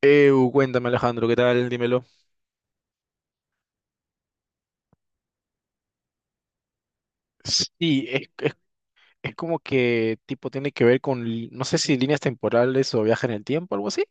Cuéntame Alejandro, ¿qué tal? Dímelo. Sí, es como que tipo tiene que ver con, no sé si líneas temporales o viaje en el tiempo, algo así.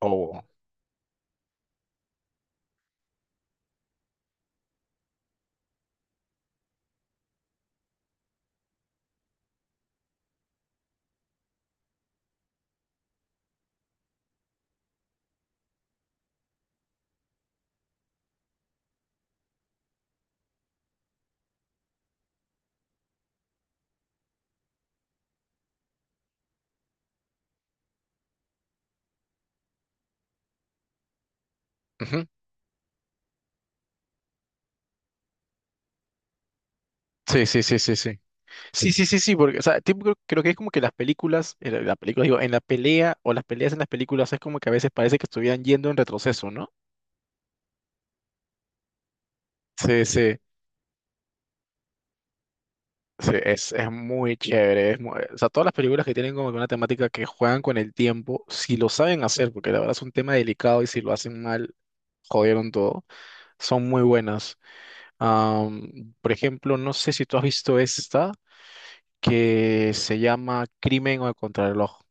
O... Ujú. Sí, sí, sí, sí, sí. Sí, sí, sí, sí, porque, o sea, tipo, creo que es como que las películas, en la película, digo, en la pelea o las peleas en las películas es como que a veces parece que estuvieran yendo en retroceso, ¿no? Sí, sí, sí, es muy chévere. Es muy- o sea, todas las películas que tienen como que una temática que juegan con el tiempo, si lo saben hacer, porque la verdad es un tema delicado y si lo hacen mal, jodieron todo. Son muy buenas. Por ejemplo, no sé si tú has visto esta que se llama Crimen o el Contrarreloj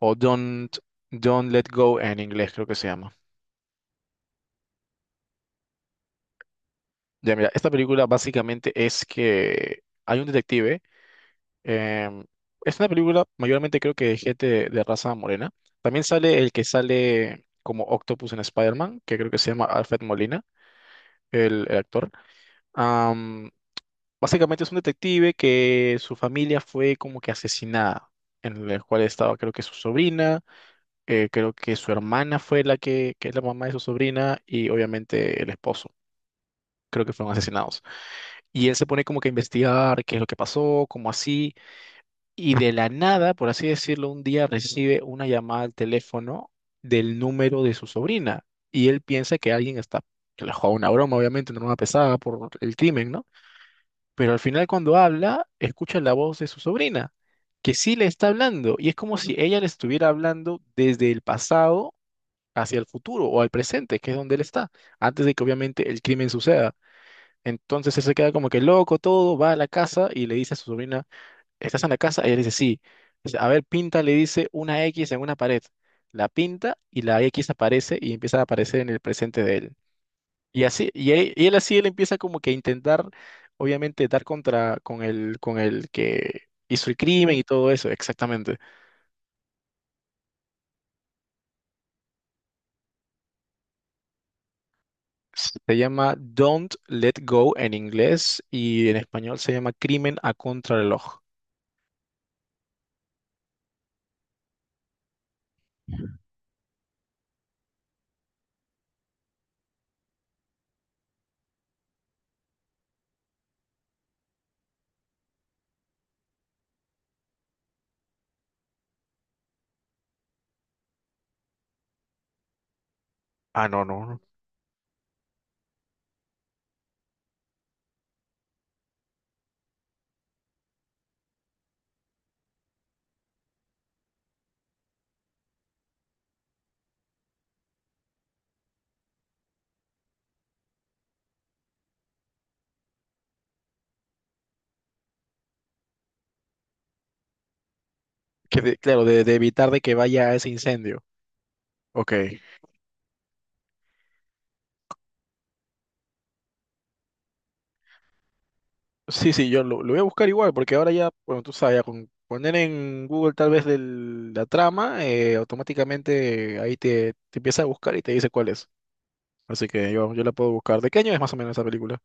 o Don't Let Go en inglés, creo que se llama. Ya, mira, esta película básicamente es que hay un detective. em, es una película mayormente creo que de gente de raza morena. También sale el que sale como Octopus en Spider-Man, que creo que se llama Alfred Molina, el actor. Básicamente es un detective que su familia fue como que asesinada, en el cual estaba creo que su sobrina, creo que su hermana fue la que es la mamá de su sobrina y obviamente el esposo, creo que fueron asesinados. Y él se pone como que a investigar qué es lo que pasó, cómo así, y de la nada, por así decirlo, un día recibe una llamada al teléfono del número de su sobrina y él piensa que alguien está, que le juega una broma, obviamente, una broma pesada por el crimen, ¿no? Pero al final cuando habla, escucha la voz de su sobrina, que sí le está hablando, y es como si ella le estuviera hablando desde el pasado hacia el futuro o al presente, que es donde él está, antes de que obviamente el crimen suceda. Entonces él se queda como que loco todo, va a la casa y le dice a su sobrina, ¿estás en la casa? Ella le dice, sí. Dice, a ver, pinta, le dice una X en una pared. La pinta y la X aparece y empieza a aparecer en el presente de él. Y así, y él, y él empieza como que a intentar, obviamente, dar contra con el que hizo el crimen y todo eso, exactamente. Se llama Don't Let Go en inglés y en español se llama Crimen a Contrarreloj. Ah, no, no, no. Que claro, de evitar de que vaya a ese incendio. Ok. Sí, sí, lo voy a buscar igual, porque ahora ya, bueno, tú sabes, ya con poner en Google tal vez la trama, automáticamente ahí te empieza a buscar y te dice cuál es. Así que yo la puedo buscar. ¿De qué año es más o menos esa película?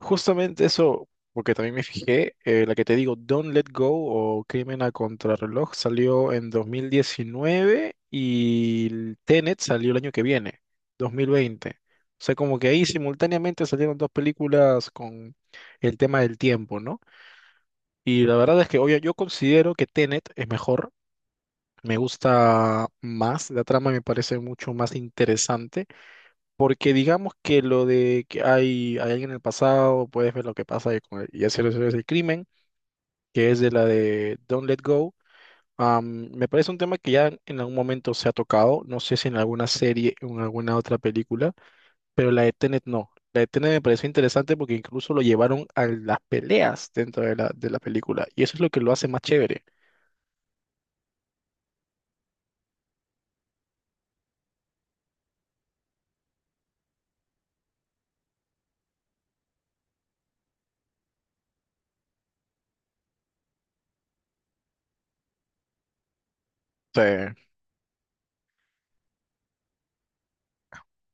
Justamente eso, porque también me fijé, la que te digo, Don't Let Go o Crimen a Contrarreloj salió en 2019 y el Tenet salió el año que viene, 2020. O sea, como que ahí simultáneamente salieron dos películas con el tema del tiempo, ¿no? Y la verdad es que, oye, yo considero que Tenet es mejor, me gusta más, la trama me parece mucho más interesante. Porque digamos que lo de que hay alguien en el pasado, puedes ver lo que pasa y, y hacer eso es el crimen, que es de la de Don't Let Go. Me parece un tema que ya en algún momento se ha tocado, no sé si en alguna serie o en alguna otra película, pero la de Tenet no. La de Tenet me pareció interesante porque incluso lo llevaron a las peleas dentro de la película y eso es lo que lo hace más chévere. Sí.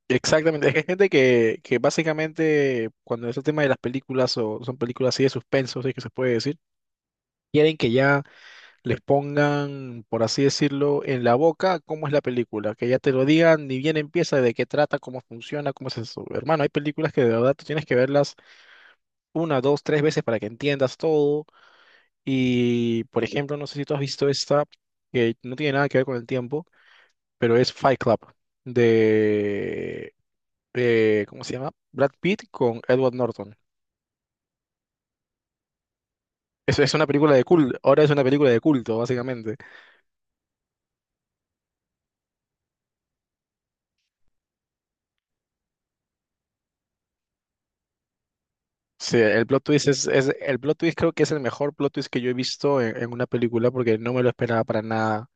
Exactamente, es que hay gente que básicamente cuando es el tema de las películas o son películas así de suspenso, si es que se puede decir, quieren que ya les pongan, por así decirlo, en la boca cómo es la película, que ya te lo digan ni bien empieza, de qué trata, cómo funciona, cómo es eso. Hermano, hay películas que de verdad tú tienes que verlas una, dos, tres veces para que entiendas todo. Y, por ejemplo, no sé si tú has visto esta, que no tiene nada que ver con el tiempo, pero es Fight Club de ¿cómo se llama? Brad Pitt con Edward Norton. Es una película de culto, ahora es una película de culto, básicamente. Sí, el plot twist es- el plot twist creo que es el mejor plot twist que yo he visto en una película porque no me lo esperaba para nada.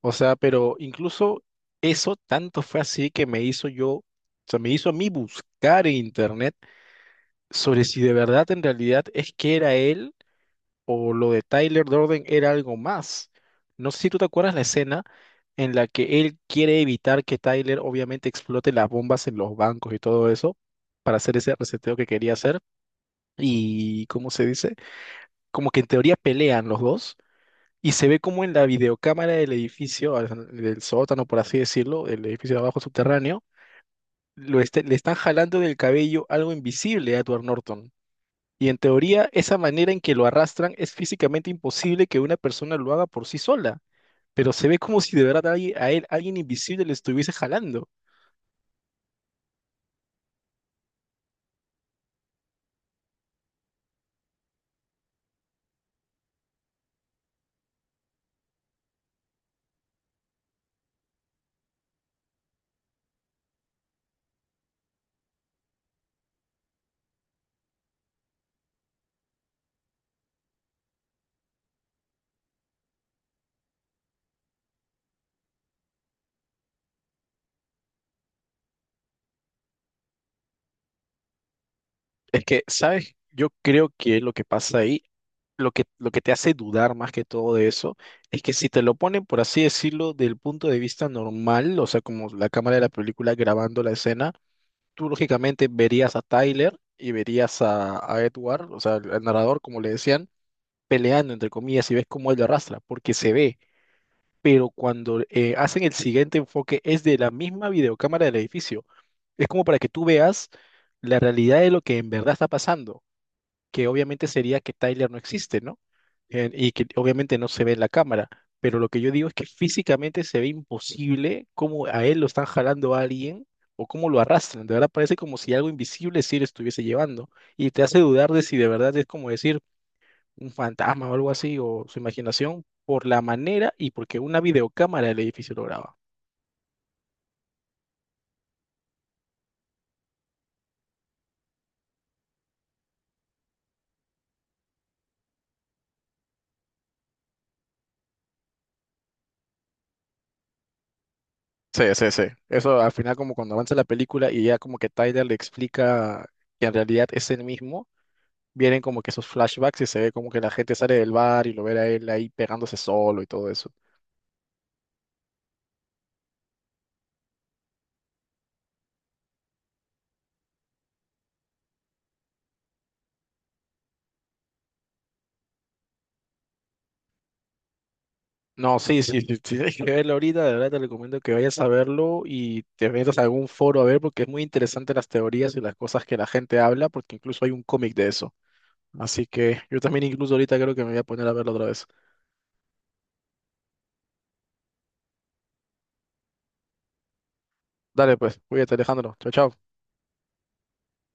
O sea, pero incluso eso tanto fue así que me hizo yo, o sea, me hizo a mí buscar en internet sobre si de verdad en realidad es que era él o lo de Tyler Durden era algo más. No sé si tú te acuerdas la escena en la que él quiere evitar que Tyler obviamente explote las bombas en los bancos y todo eso para hacer ese reseteo que quería hacer. Y, ¿cómo se dice? Como que en teoría pelean los dos y se ve como en la videocámara del edificio, del sótano, por así decirlo, el edificio de abajo subterráneo, le están jalando del cabello algo invisible a Edward Norton. Y en teoría, esa manera en que lo arrastran es físicamente imposible que una persona lo haga por sí sola, pero se ve como si de verdad alguien- a él alguien invisible le estuviese jalando. Es que, ¿sabes? Yo creo que lo que pasa ahí, lo que te hace dudar más que todo de eso, es que si te lo ponen, por así decirlo, del punto de vista normal, o sea, como la cámara de la película grabando la escena, tú lógicamente verías a Tyler y verías a Edward, o sea, el narrador, como le decían, peleando, entre comillas, y ves cómo él lo arrastra, porque se ve. Pero cuando hacen el siguiente enfoque es de la misma videocámara del edificio. Es como para que tú veas la realidad de lo que en verdad está pasando, que obviamente sería que Tyler no existe, ¿no? Y que obviamente no se ve en la cámara, pero lo que yo digo es que físicamente se ve imposible cómo a él lo están jalando a alguien o cómo lo arrastran. De verdad parece como si algo invisible sí lo estuviese llevando y te hace dudar de si de verdad es como decir un fantasma o algo así, o su imaginación, por la manera y porque una videocámara del edificio lo graba. Sí, sí, sí. Eso al final como cuando avanza la película y ya como que Tyler le explica que en realidad es él mismo, vienen como que esos flashbacks y se ve como que la gente sale del bar y lo ve a él ahí pegándose solo y todo eso. No, sí, sí, sí, sí, tienes que verlo ahorita, de verdad te recomiendo que vayas a verlo y te metas a algún foro a ver porque es muy interesante las teorías y las cosas que la gente habla porque incluso hay un cómic de eso. Así que yo también incluso ahorita creo que me voy a poner a verlo otra vez. Dale pues, cuídate Alejandro. Chao, chao.